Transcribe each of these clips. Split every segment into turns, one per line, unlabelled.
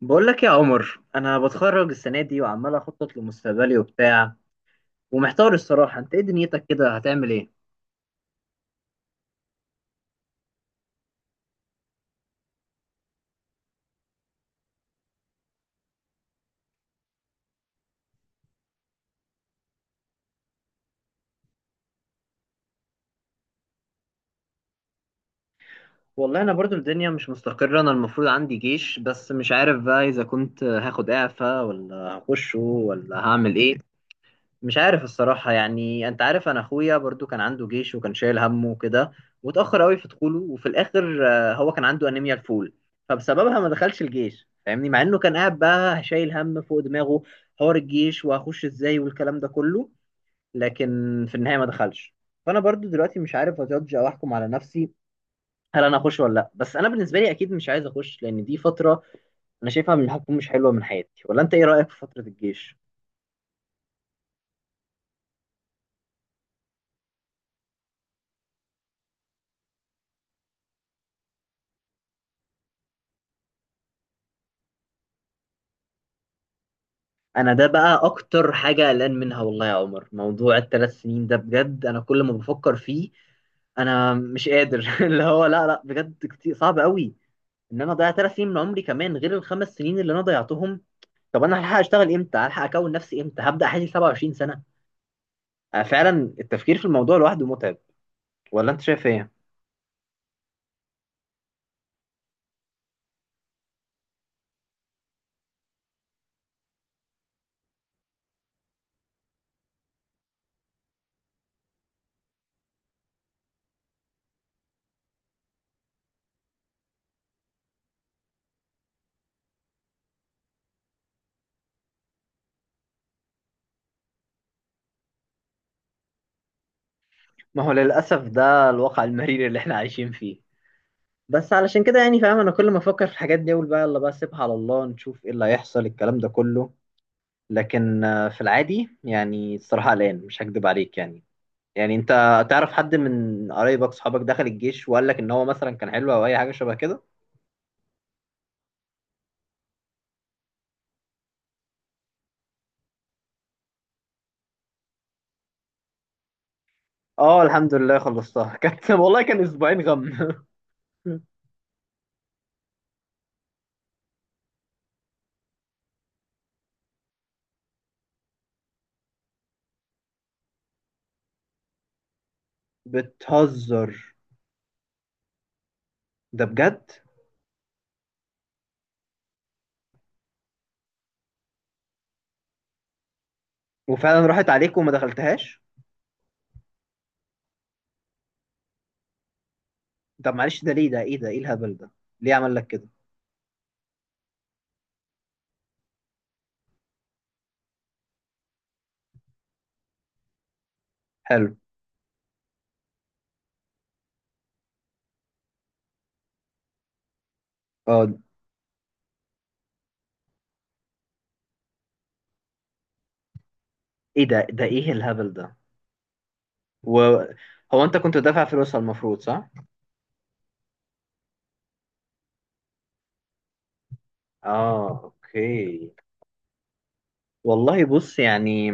بقول لك يا عمر، انا بتخرج السنه دي وعمال اخطط لمستقبلي وبتاع، ومحتار الصراحه. انت ايه دنيتك كده؟ هتعمل ايه؟ والله انا برضو الدنيا مش مستقره. انا المفروض عندي جيش، بس مش عارف بقى اذا كنت هاخد اعفاء ولا هخشه ولا هعمل ايه. مش عارف الصراحة. يعني انت عارف، انا اخويا برضو كان عنده جيش وكان شايل همه وكده، واتأخر قوي في دخوله، وفي الاخر هو كان عنده انيميا الفول، فبسببها ما دخلش الجيش، فاهمني؟ مع انه كان قاعد بقى شايل هم فوق دماغه، حوار الجيش وهخش ازاي والكلام ده كله. لكن في النهاية ما دخلش. فانا برضو دلوقتي مش عارف اجادج او احكم على نفسي هل انا اخش ولا لا. بس انا بالنسبة لي اكيد مش عايز اخش، لان دي فترة انا شايفها من الحكم مش حلوة من حياتي. ولا انت ايه رأيك في فترة الجيش؟ انا ده بقى اكتر حاجه قلقان منها والله يا عمر. موضوع الثلاث سنين ده بجد انا كل ما بفكر فيه انا مش قادر اللي هو لا لا، بجد كتير صعب قوي ان انا اضيع 3 سنين من عمري، كمان غير الخمس سنين اللي انا ضيعتهم. طب انا هلحق اشتغل امتى؟ هلحق اكون نفسي امتى؟ هبدا حياتي 27 سنه؟ أنا فعلا التفكير في الموضوع لوحده متعب. ولا انت شايف ايه؟ ما هو للاسف ده الواقع المرير اللي احنا عايشين فيه. بس علشان كده يعني فاهم، انا كل ما افكر في الحاجات دي اقول بقى يلا بقى سيبها على الله، نشوف ايه اللي هيحصل الكلام ده كله. لكن في العادي يعني الصراحة قلقان مش هكدب عليك يعني. يعني انت تعرف حد من قرايبك صحابك دخل الجيش وقال لك ان هو مثلا كان حلو او اي حاجة شبه كده؟ اه، الحمد لله خلصتها كانت، والله كان اسبوعين غم بتهزر؟ ده بجد. وفعلا راحت عليك وما دخلتهاش. طب معلش، ده ليه؟ ده ايه؟ ده ايه الهبل ده؟ ليه عمل لك كده؟ حلو. اه. ايه ده ايه الهبل ده؟ وهو انت كنت دافع فلوسها المفروض، صح؟ اه، اوكي. والله بص يعني،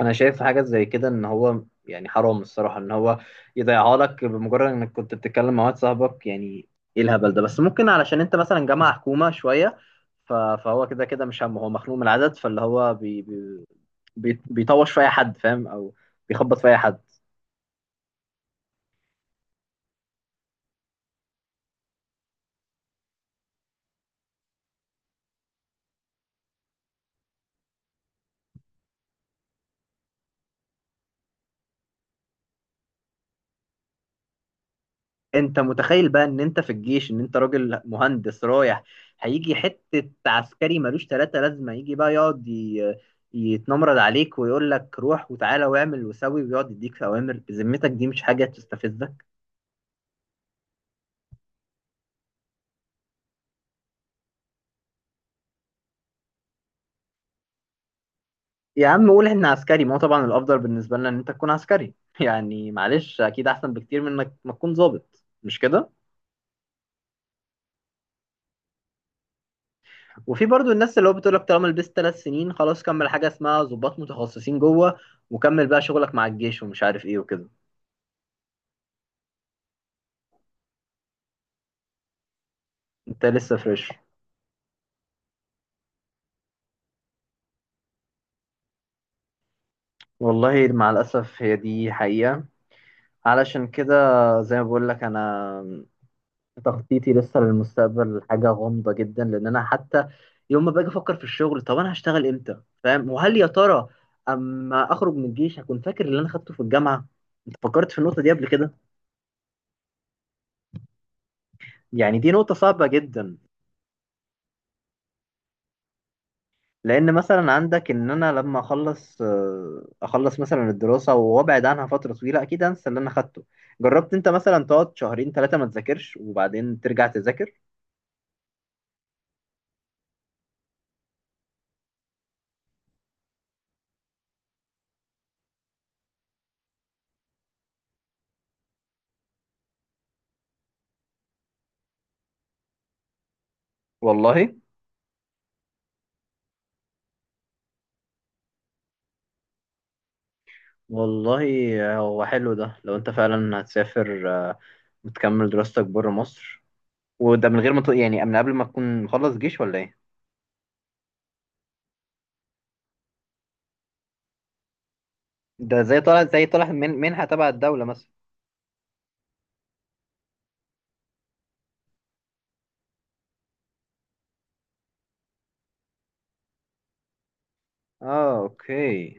انا شايف حاجه زي كده ان هو يعني حرام الصراحه، ان هو يضيعها لك بمجرد انك كنت بتتكلم مع واحد صاحبك يعني. ايه الهبل ده؟ بس ممكن علشان انت مثلا جامعه حكومه شويه، فهو كده كده مش همه، هو مخنوق من العدد، فاللي هو بيطوش في اي حد، فاهم؟ او بيخبط في اي حد. انت متخيل بقى ان انت في الجيش، ان انت راجل مهندس رايح، هيجي حتة عسكري ملوش تلاتة لازمة يجي بقى يقعد يتنمرد عليك ويقول لك روح وتعالى واعمل وسوي ويقعد يديك اوامر؟ بذمتك دي مش حاجة تستفزك؟ يا عم قول ان عسكري، ما هو طبعا الافضل بالنسبة لنا ان انت تكون عسكري يعني. معلش، اكيد احسن بكتير من انك ما تكون ضابط، مش كده؟ وفي برضو الناس اللي هو بتقول لك طالما لبست 3 سنين خلاص، كمل. حاجة اسمها ضباط متخصصين جوه، وكمل بقى شغلك مع الجيش ومش عارف ايه وكده. انت لسه فريش. والله مع الأسف، هي دي حقيقة. علشان كده، زي ما بقول لك، أنا تخطيطي لسه للمستقبل حاجة غامضة جدا، لأن أنا حتى يوم ما باجي أفكر في الشغل، طب أنا هشتغل إمتى؟ فاهم؟ وهل يا ترى أما أخرج من الجيش هكون فاكر اللي أنا خدته في الجامعة؟ أنت فكرت في النقطة دي قبل كده؟ يعني دي نقطة صعبة جدا. لأن مثلا عندك إن أنا لما أخلص مثلا الدراسة وأبعد عنها فترة طويلة أكيد أنسى اللي أنا خدته. جربت أنت مثلا تقعد شهرين ثلاثة ما تذاكرش وبعدين ترجع تذاكر؟ والله. والله هو حلو ده لو انت فعلا هتسافر وتكمل دراستك بره مصر. وده من غير ما يعني من قبل ما تكون مخلص جيش ولا ايه؟ ده زي طالع من منحة تبع الدولة مثلا؟ اه، اوكي.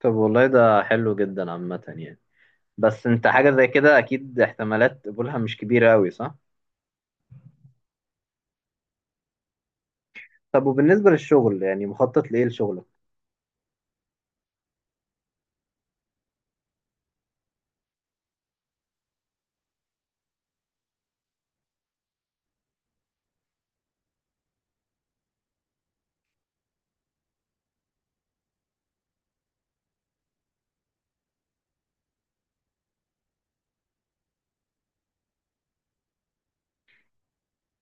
طب والله ده حلو جدا عامة يعني. بس انت حاجة زي كده اكيد احتمالات قبولها مش كبيرة اوي، صح؟ طب وبالنسبة للشغل يعني مخطط لايه لشغلك؟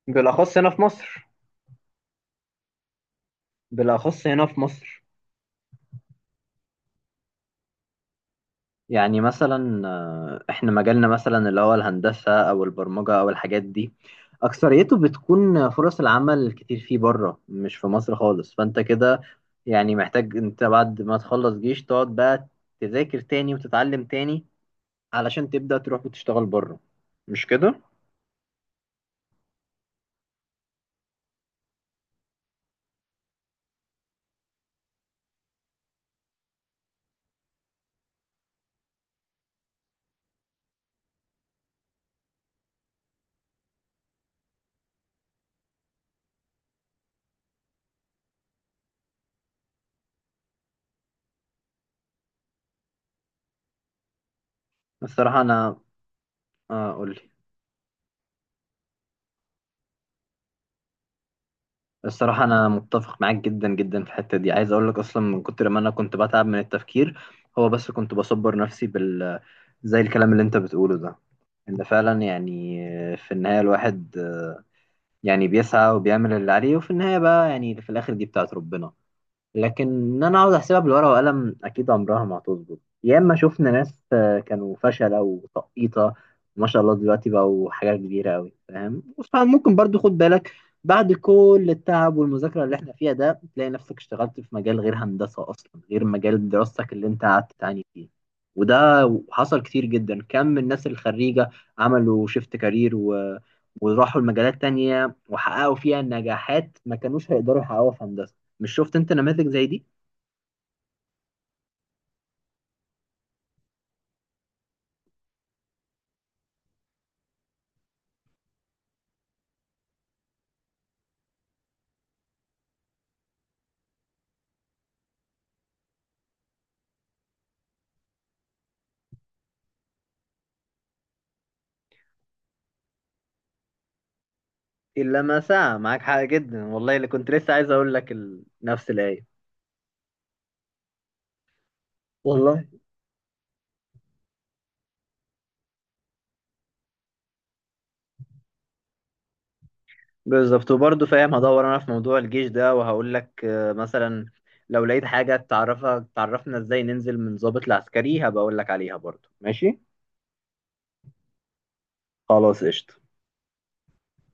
بالاخص هنا في مصر. بالاخص هنا في مصر. يعني مثلا احنا مجالنا مثلا اللي هو الهندسة او البرمجة او الحاجات دي، اكثريته بتكون فرص العمل كتير فيه بره، مش في مصر خالص. فانت كده يعني محتاج انت بعد ما تخلص جيش تقعد بقى تذاكر تاني وتتعلم تاني علشان تبدأ تروح وتشتغل بره، مش كده؟ الصراحة انا اقول الصراحة أنا متفق معاك جدا جدا في الحتة دي. عايز أقول لك أصلا من كتر ما أنا كنت بتعب من التفكير، هو بس كنت بصبر نفسي زي الكلام اللي أنت بتقوله ده. إن فعلا يعني في النهاية الواحد يعني بيسعى وبيعمل اللي عليه، وفي النهاية بقى يعني في الآخر دي بتاعت ربنا. لكن ان انا اقعد احسبها بالورقه والقلم اكيد عمرها ما هتظبط. يا اما شفنا ناس كانوا فشله وتقيطه، ما شاء الله دلوقتي بقوا حاجه كبيره قوي، فاهم؟ فممكن برضو خد بالك، بعد كل التعب والمذاكره اللي احنا فيها ده تلاقي نفسك اشتغلت في مجال غير هندسه اصلا، غير مجال دراستك اللي انت قعدت تعاني فيه. وده حصل كتير جدا. كم من الناس الخريجه عملوا شيفت كارير وراحوا لمجالات تانية وحققوا فيها نجاحات ما كانوش هيقدروا يحققوها في هندسه. مش شفت انت نماذج زي دي؟ إلا ما ساعة. معاك حق جدا والله، اللي كنت لسه عايز أقول لك نفس الآية. والله بالظبط. وبرضه فاهم، هدور أنا في موضوع الجيش ده وهقول لك مثلا لو لقيت حاجة تعرفها تعرفنا إزاي ننزل من ضابط لعسكري، هبقى أقول لك عليها برضه، ماشي؟ خلاص، قشطة.